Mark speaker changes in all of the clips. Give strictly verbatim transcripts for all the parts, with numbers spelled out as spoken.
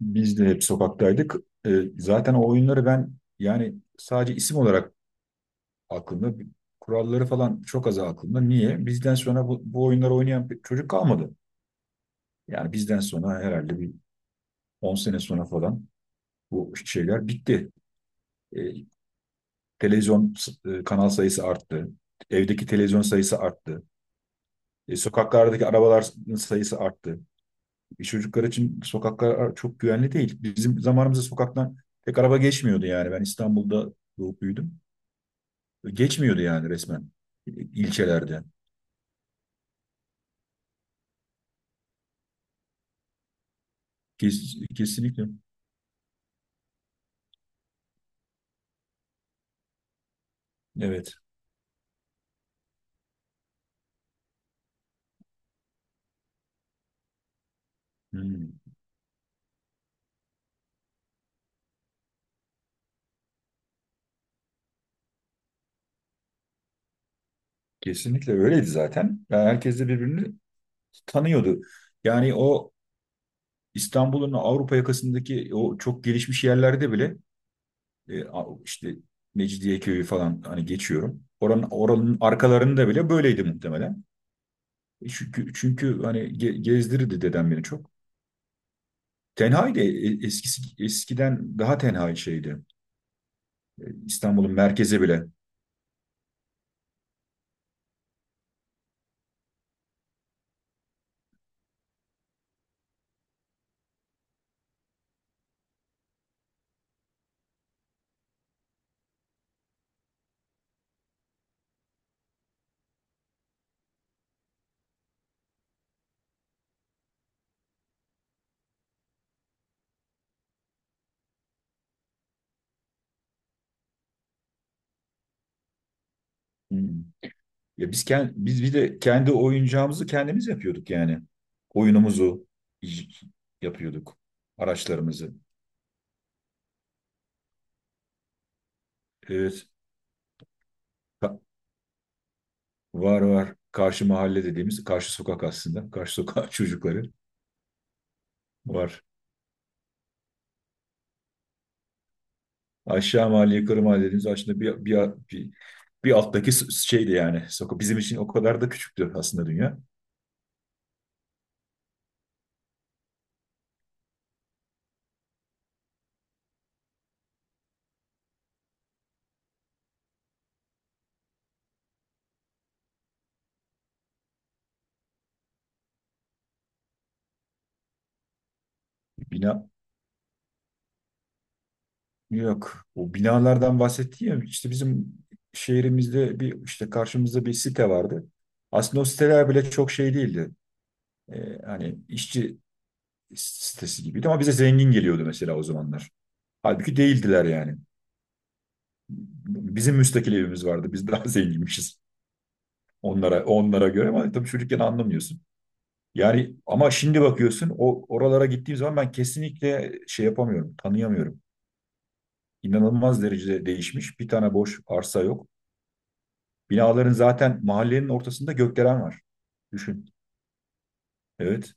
Speaker 1: Biz de hep sokaktaydık. Ee, zaten o oyunları ben yani sadece isim olarak aklımda, kuralları falan çok az aklımda. Niye? Bizden sonra bu, bu oyunları oynayan bir çocuk kalmadı. Yani bizden sonra herhalde bir on sene sonra falan bu şeyler bitti. Ee, Televizyon e, kanal sayısı arttı. Evdeki televizyon sayısı arttı. E, sokaklardaki arabalar sayısı arttı. E, çocuklar için sokaklar çok güvenli değil. Bizim zamanımızda sokaktan pek araba geçmiyordu yani. Ben İstanbul'da doğup büyüdüm. Geçmiyordu yani resmen ilçelerde. Kes- kesinlikle. Evet. Hmm. Kesinlikle öyleydi zaten. Yani herkes de birbirini tanıyordu. Yani o İstanbul'un Avrupa yakasındaki o çok gelişmiş yerlerde bile e, a- işte Mecidiyeköy'ü falan hani geçiyorum. Oranın, oranın arkalarında bile böyleydi muhtemelen. E Çünkü, çünkü hani ge- gezdirirdi dedem beni çok. Tenhaydı e- e, eskisi, eskiden daha tenha şeydi. İstanbul'un merkezi bile. Hmm. Ya biz kend, biz bir de kendi oyuncağımızı kendimiz yapıyorduk yani. Oyunumuzu y- yapıyorduk. Araçlarımızı. Evet. Ka- Var var. Karşı mahalle dediğimiz karşı sokak aslında. Karşı sokak çocukları var. Aşağı mahalle, yukarı mahalle dediğimiz aslında bir, bir, bir, bir alttaki s- şeydi yani. Sokak bizim için o kadar da küçüktü aslında dünya. Bina Yok. O binalardan bahsetti ya işte bizim şehrimizde bir işte karşımızda bir site vardı. Aslında o siteler bile çok şey değildi. Ee, hani işçi sitesi gibiydi ama bize zengin geliyordu mesela o zamanlar. Halbuki değildiler yani. Bizim müstakil evimiz vardı. Biz daha zenginmişiz onlara onlara göre ama tabii çocukken anlamıyorsun. Yani ama şimdi bakıyorsun o oralara gittiğim zaman ben kesinlikle şey yapamıyorum, tanıyamıyorum. İnanılmaz derecede değişmiş. Bir tane boş arsa yok. Binaların zaten mahallenin ortasında gökdelen var. Düşün. Evet.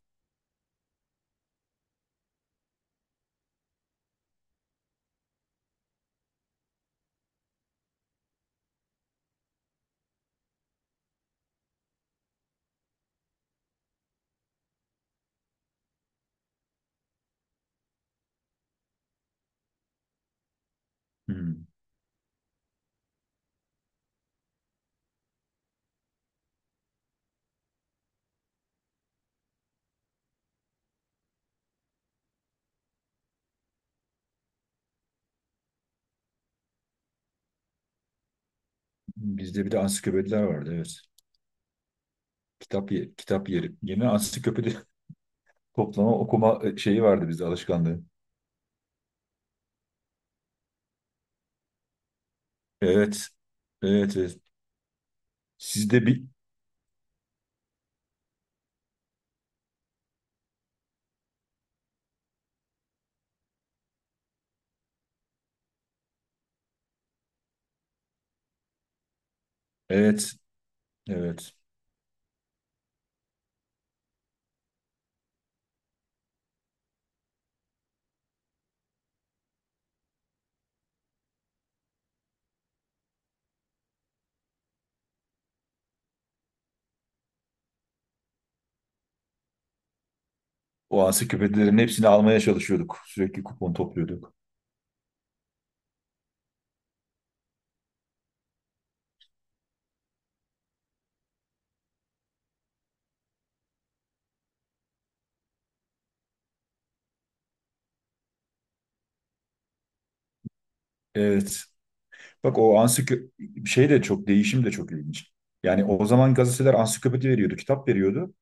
Speaker 1: Hmm. Bizde bir de ansiklopediler vardı. Evet. Kitap ye- kitap yeri. Yeni ansiklopedi toplama okuma e, şeyi vardı bizde alışkanlığı. Evet. Evet. evet. Sizde bir evet. Evet. O ansiklopedilerin hepsini almaya çalışıyorduk. Sürekli kupon topluyorduk. Evet. Bak o ansiklopedi şey de çok değişim de çok ilginç. Yani o zaman gazeteler ansiklopedi veriyordu, kitap veriyordu.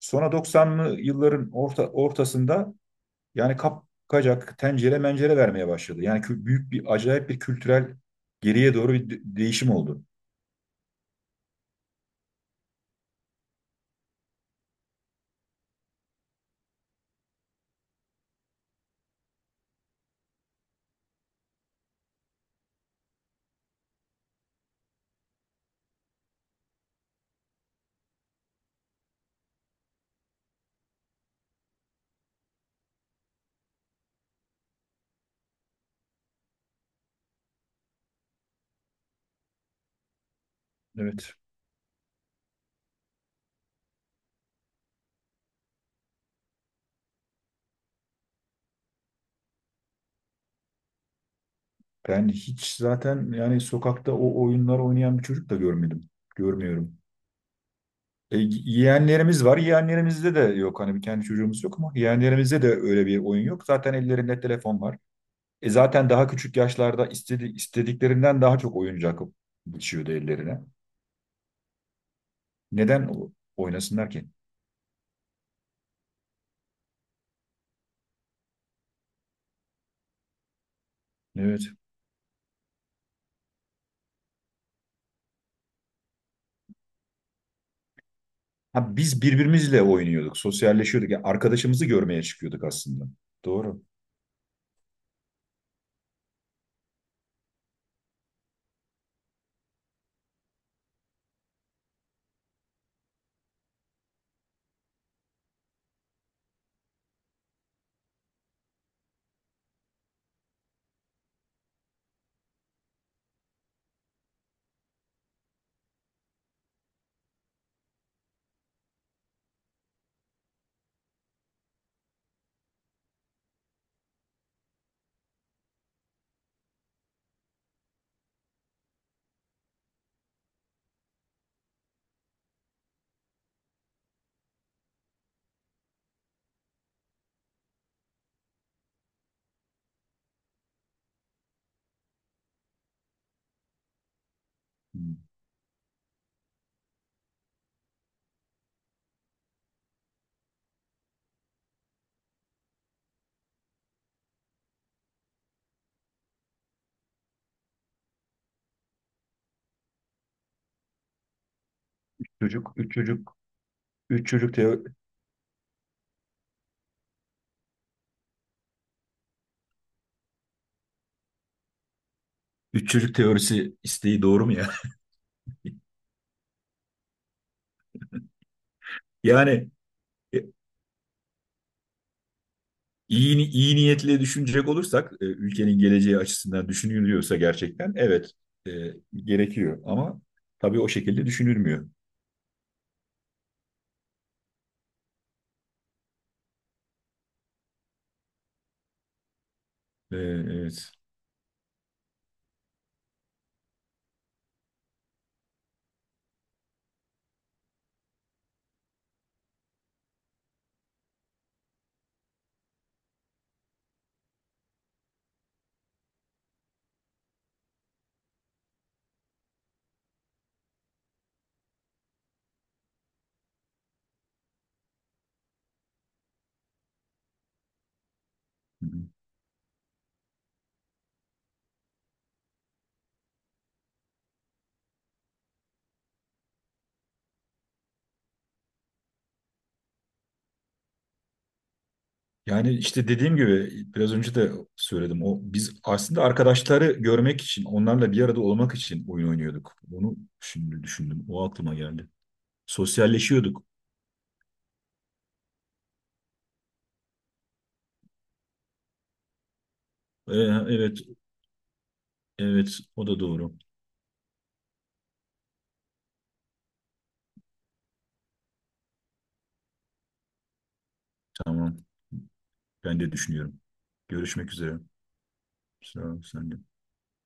Speaker 1: Sonra doksanlı yılların orta, ortasında yani kapkacak, tencere mencere vermeye başladı. Yani kü- büyük bir, acayip bir kültürel geriye doğru bir de- değişim oldu. Evet. Ben hiç zaten yani sokakta o oyunlar oynayan bir çocuk da görmedim. Görmüyorum. E, yeğenlerimiz var. Yeğenlerimizde de yok. Hani bir kendi çocuğumuz yok ama yeğenlerimizde de öyle bir oyun yok. Zaten ellerinde telefon var. E zaten daha küçük yaşlarda istedi, istediklerinden daha çok oyuncak geçiyordu ellerine. Neden o- oynasınlar ki? Evet. Ha, biz birbirimizle oynuyorduk, sosyalleşiyorduk. Yani arkadaşımızı görmeye çıkıyorduk aslında. Doğru. Hmm. Çocuk, üç çocuk, üç çocuk teo üç çocuk teorisi isteği doğru mu ya? Yani e, iyi, ni- iyi niyetle düşünecek olursak, e, ülkenin geleceği açısından düşünülüyorsa gerçekten evet, e, gerekiyor. Ama tabii o şekilde düşünülmüyor. E, evet. Hı hı. Yani işte dediğim gibi biraz önce de söyledim. O biz aslında arkadaşları görmek için, onlarla bir arada olmak için oyun oynuyorduk. Bunu şimdi düşündüm. O aklıma geldi. Sosyalleşiyorduk. Ee, evet, evet o da doğru. Tamam. Ben de düşünüyorum. Görüşmek üzere. Sağ ol, sen de.